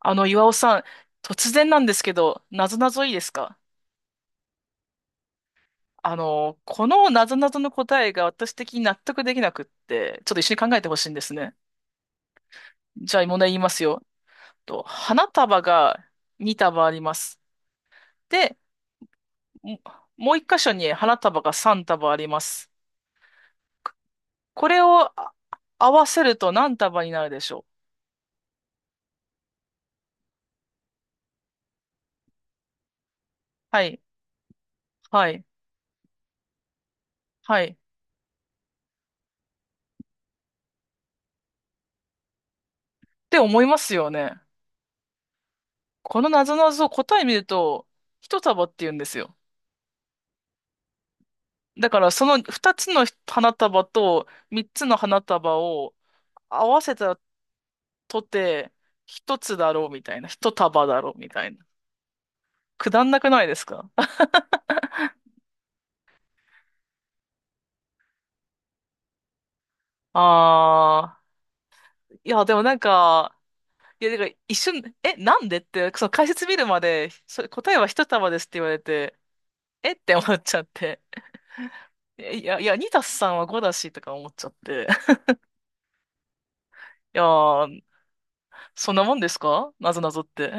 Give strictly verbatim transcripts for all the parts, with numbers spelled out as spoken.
あの、岩尾さん、突然なんですけど、なぞなぞいいですか？あの、このなぞなぞの答えが私的に納得できなくって、ちょっと一緒に考えてほしいんですね。じゃあ、問題言いますよ。と、花束がふた束あります。で、ももういっ箇所に花束がさん束あります。これをあ合わせると何束になるでしょう？はい、はい、はい。って思いますよね。このなぞなぞ答え見ると、ひと束って言うんですよ。だからそのふたつの花束とみっつの花束を合わせたとてひとつだろうみたいな、ひと束だろうみたいな。くだんなくないですか？ ああ、いや、でもなんか、いや、なんか一瞬、え、なんでって、その解説見るまで、それ答えは一束ですって言われて、えって思っちゃって、え、いや、いや、にたすさんはごだしとか思っちゃって、いやー、そんなもんですかなぞなぞって。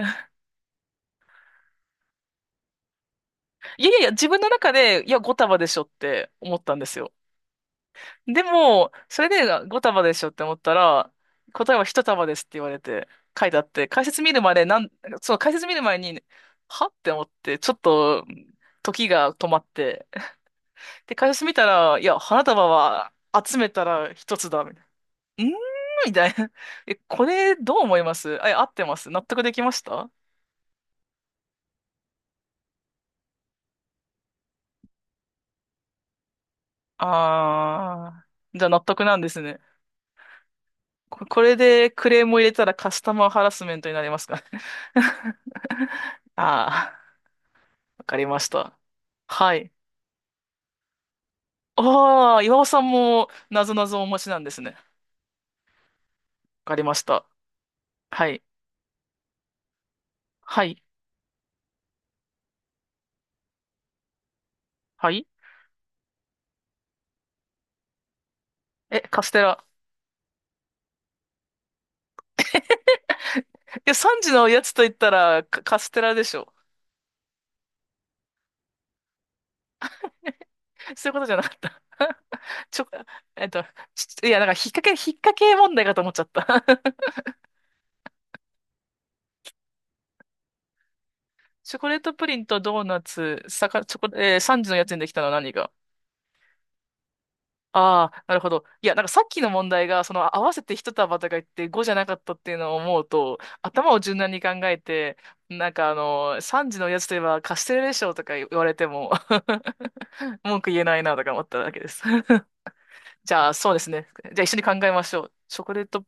いやいやいや、自分の中で、いや、ご束でしょって思ったんですよ。でも、それでご束でしょって思ったら、答えはひと束ですって言われて、書いてあって、解説見るまで、なん、そう、解説見る前に、はって思って、ちょっと、時が止まって。で、解説見たら、いや、花束は集めたらひとつだ、みたいな。んーみたいな。え、これ、どう思います？あ、いや合ってます？納得できました？あー、じゃあ納得なんですね。こ、これでクレームを入れたらカスタマーハラスメントになりますか？ あー、わかりました。はい。ああ、岩尾さんも、なぞなぞお持ちなんですね。わかりました。はい。はい。はい。え、カステラ。いや、さんじのやつと言ったら、カカステラでしょ。そういうことじゃなかった。ちょ、えっと、ちいや、なんか、引っ掛け、引っ掛け問題かと思っちゃった。チョコレートプリンとドーナツ、さか、チョコ、えー、時のやつにできたのは何が？ああ、なるほど。いや、なんかさっきの問題が、その合わせて一束とか言ってごじゃなかったっていうのを思うと、頭を柔軟に考えて、なんかあの、さんじのおやつといえばカステラでしょとか言われても 文句言えないなとか思っただけです。じゃあ、そうですね。じゃあ一緒に考えましょう。チョコレート、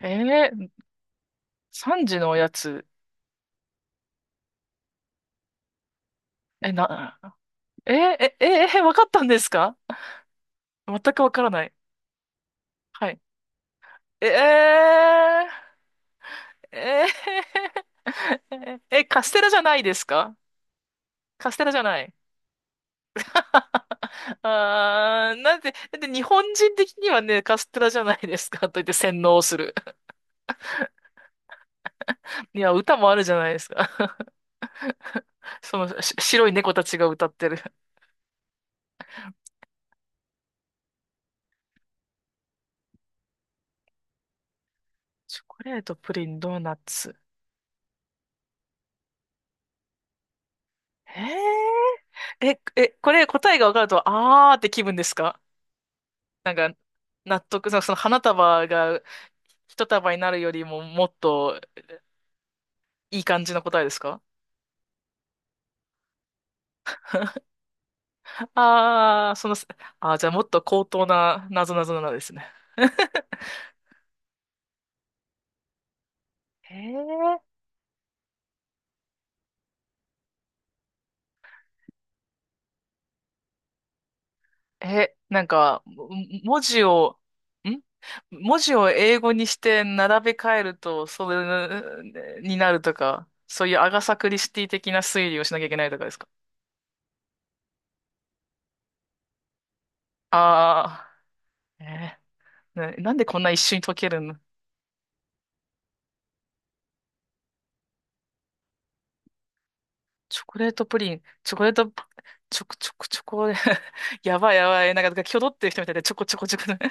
えー、さんじのおやつ、え、な、えー、え、えー、えー、わかったんですか？全くわからない。はい。えー、えー、え、カステラじゃないですか？カステラじゃない。あー、なんで、だって日本人的にはね、カステラじゃないですかと言って洗脳する。いや、歌もあるじゃないですか。そのし白い猫たちが歌ってる。チョコレート、プリン、ドーナツ。へえ。え、え、これ答えが分かると、あーって気分ですか？なんか、納得、そのその花束が一束になるよりももっといい感じの答えですか？ああー、その、あー、じゃあもっと高等な謎々なんですね。へえ。え、なんか、も文字を、ん文字を英語にして並べ替えると、それになるとか、そういうアガサ・クリスティ的な推理をしなきゃいけないとかですか？ああー、えーな、なんでこんな一瞬に溶けるの？チョコレートプリン、チョコレート、チョコチョコチョコ、やばいやばい、なんか、なんか、キョドってる人みたいで、チョコチョコチョコ。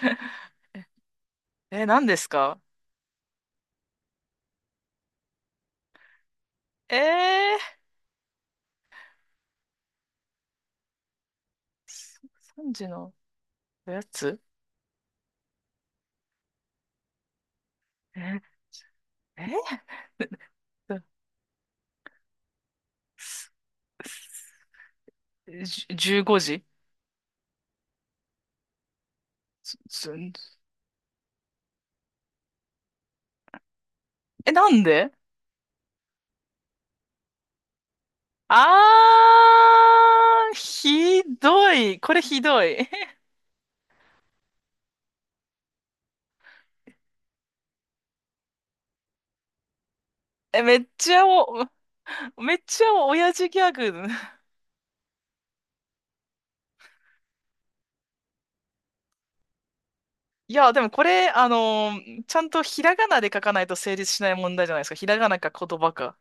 え、何ですか？ええー、さんじのおやつ、え、えー、じゅじゅうごじすすえ、なんで？あー、ひどい。これひどい。え、めっちゃお、めっちゃ親父ギャグ。いや、でもこれ、あのーちゃんとひらがなで書かないと成立しない問題じゃないですか。ひらがなか言葉か。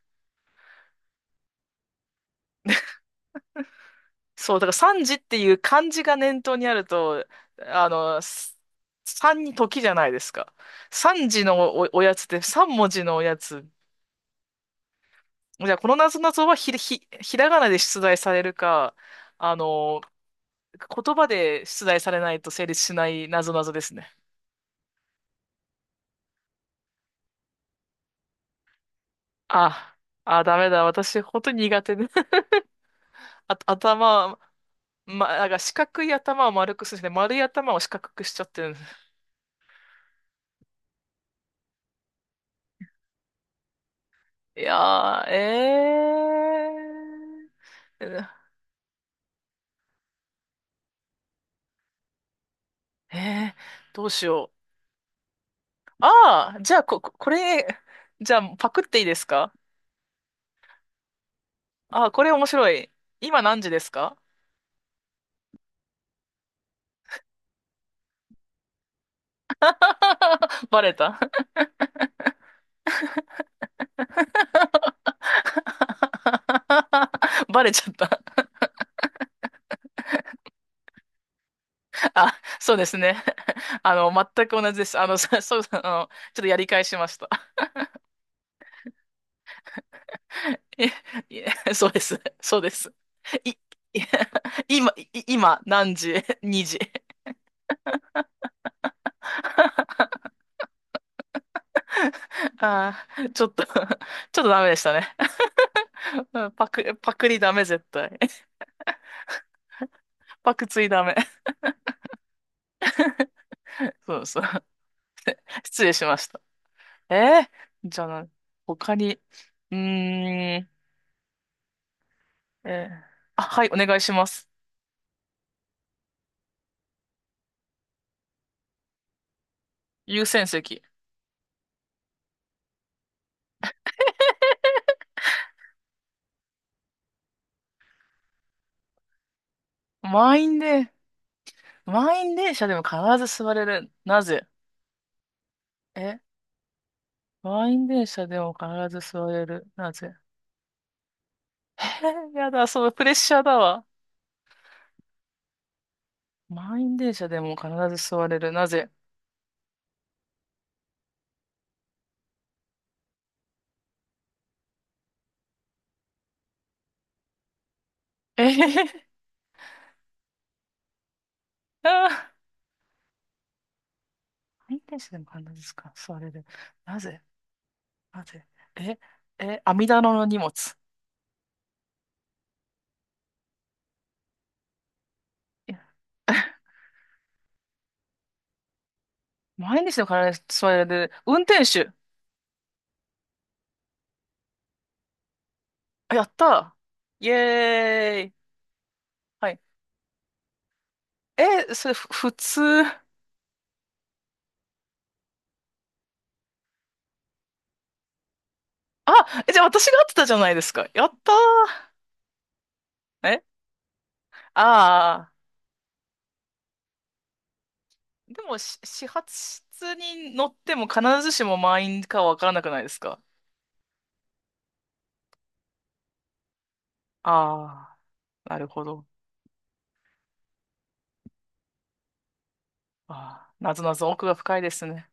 そう、だから三時っていう漢字が念頭にあると、あの、す三に時じゃないですか。三時のお、おやつって三文字のおやつ。じゃあ、このなぞなぞはひ、ひ、ひらがなで出題されるか、あの、言葉で出題されないと成立しないなぞなぞですね。あ、あ、ダメだ。私、本当に苦手で、あ、頭、ま、なんか四角い頭を丸くするんで丸い頭を四角くしちゃってるんです。いやー、えー。ええ、どうしよう。ああ、じゃあ、こ、これ、じゃあ、パクっていいですか？ああ、これ面白い。今何時ですか？ バレた。バレちゃった。あ、そうですね。あの、全く同じです。あの、そそう、あの、ちょっとやり返しました。いえ、いえ、そうです。そうです。い、い今、い今、何時？ に 時。ああ、ちょっと、ちょっとダメでしたね。うんパク、パクリダメ、絶対。パクついダメ。そうそう。失礼しました。えー、じゃあな、他に、うーん、えー、あ、はい、お願いします。優先席。満員で、満員電車でも必ず座れる。なぜ？え、満員電車でも必ず座れる。なぜ？えー、やだ、そう、プレッシャーだわ。満員電車でも必ず座れる。なぜ？えへへへ、あー、満員電車でも必ず座れる。なぜ？なぜ？え、え、網棚の荷物。いや 毎日の体にそれで、運転手。あ、やったー、イエーイ。はい。え、それ、ふ、普通。あ、え、じゃあ私が合ってたじゃないですか。やったー。え、ああー。でも、し始発室に乗っても必ずしも満員かわからなくないですか？ああー。なるほど。ああ。なぞなぞ奥が深いですね。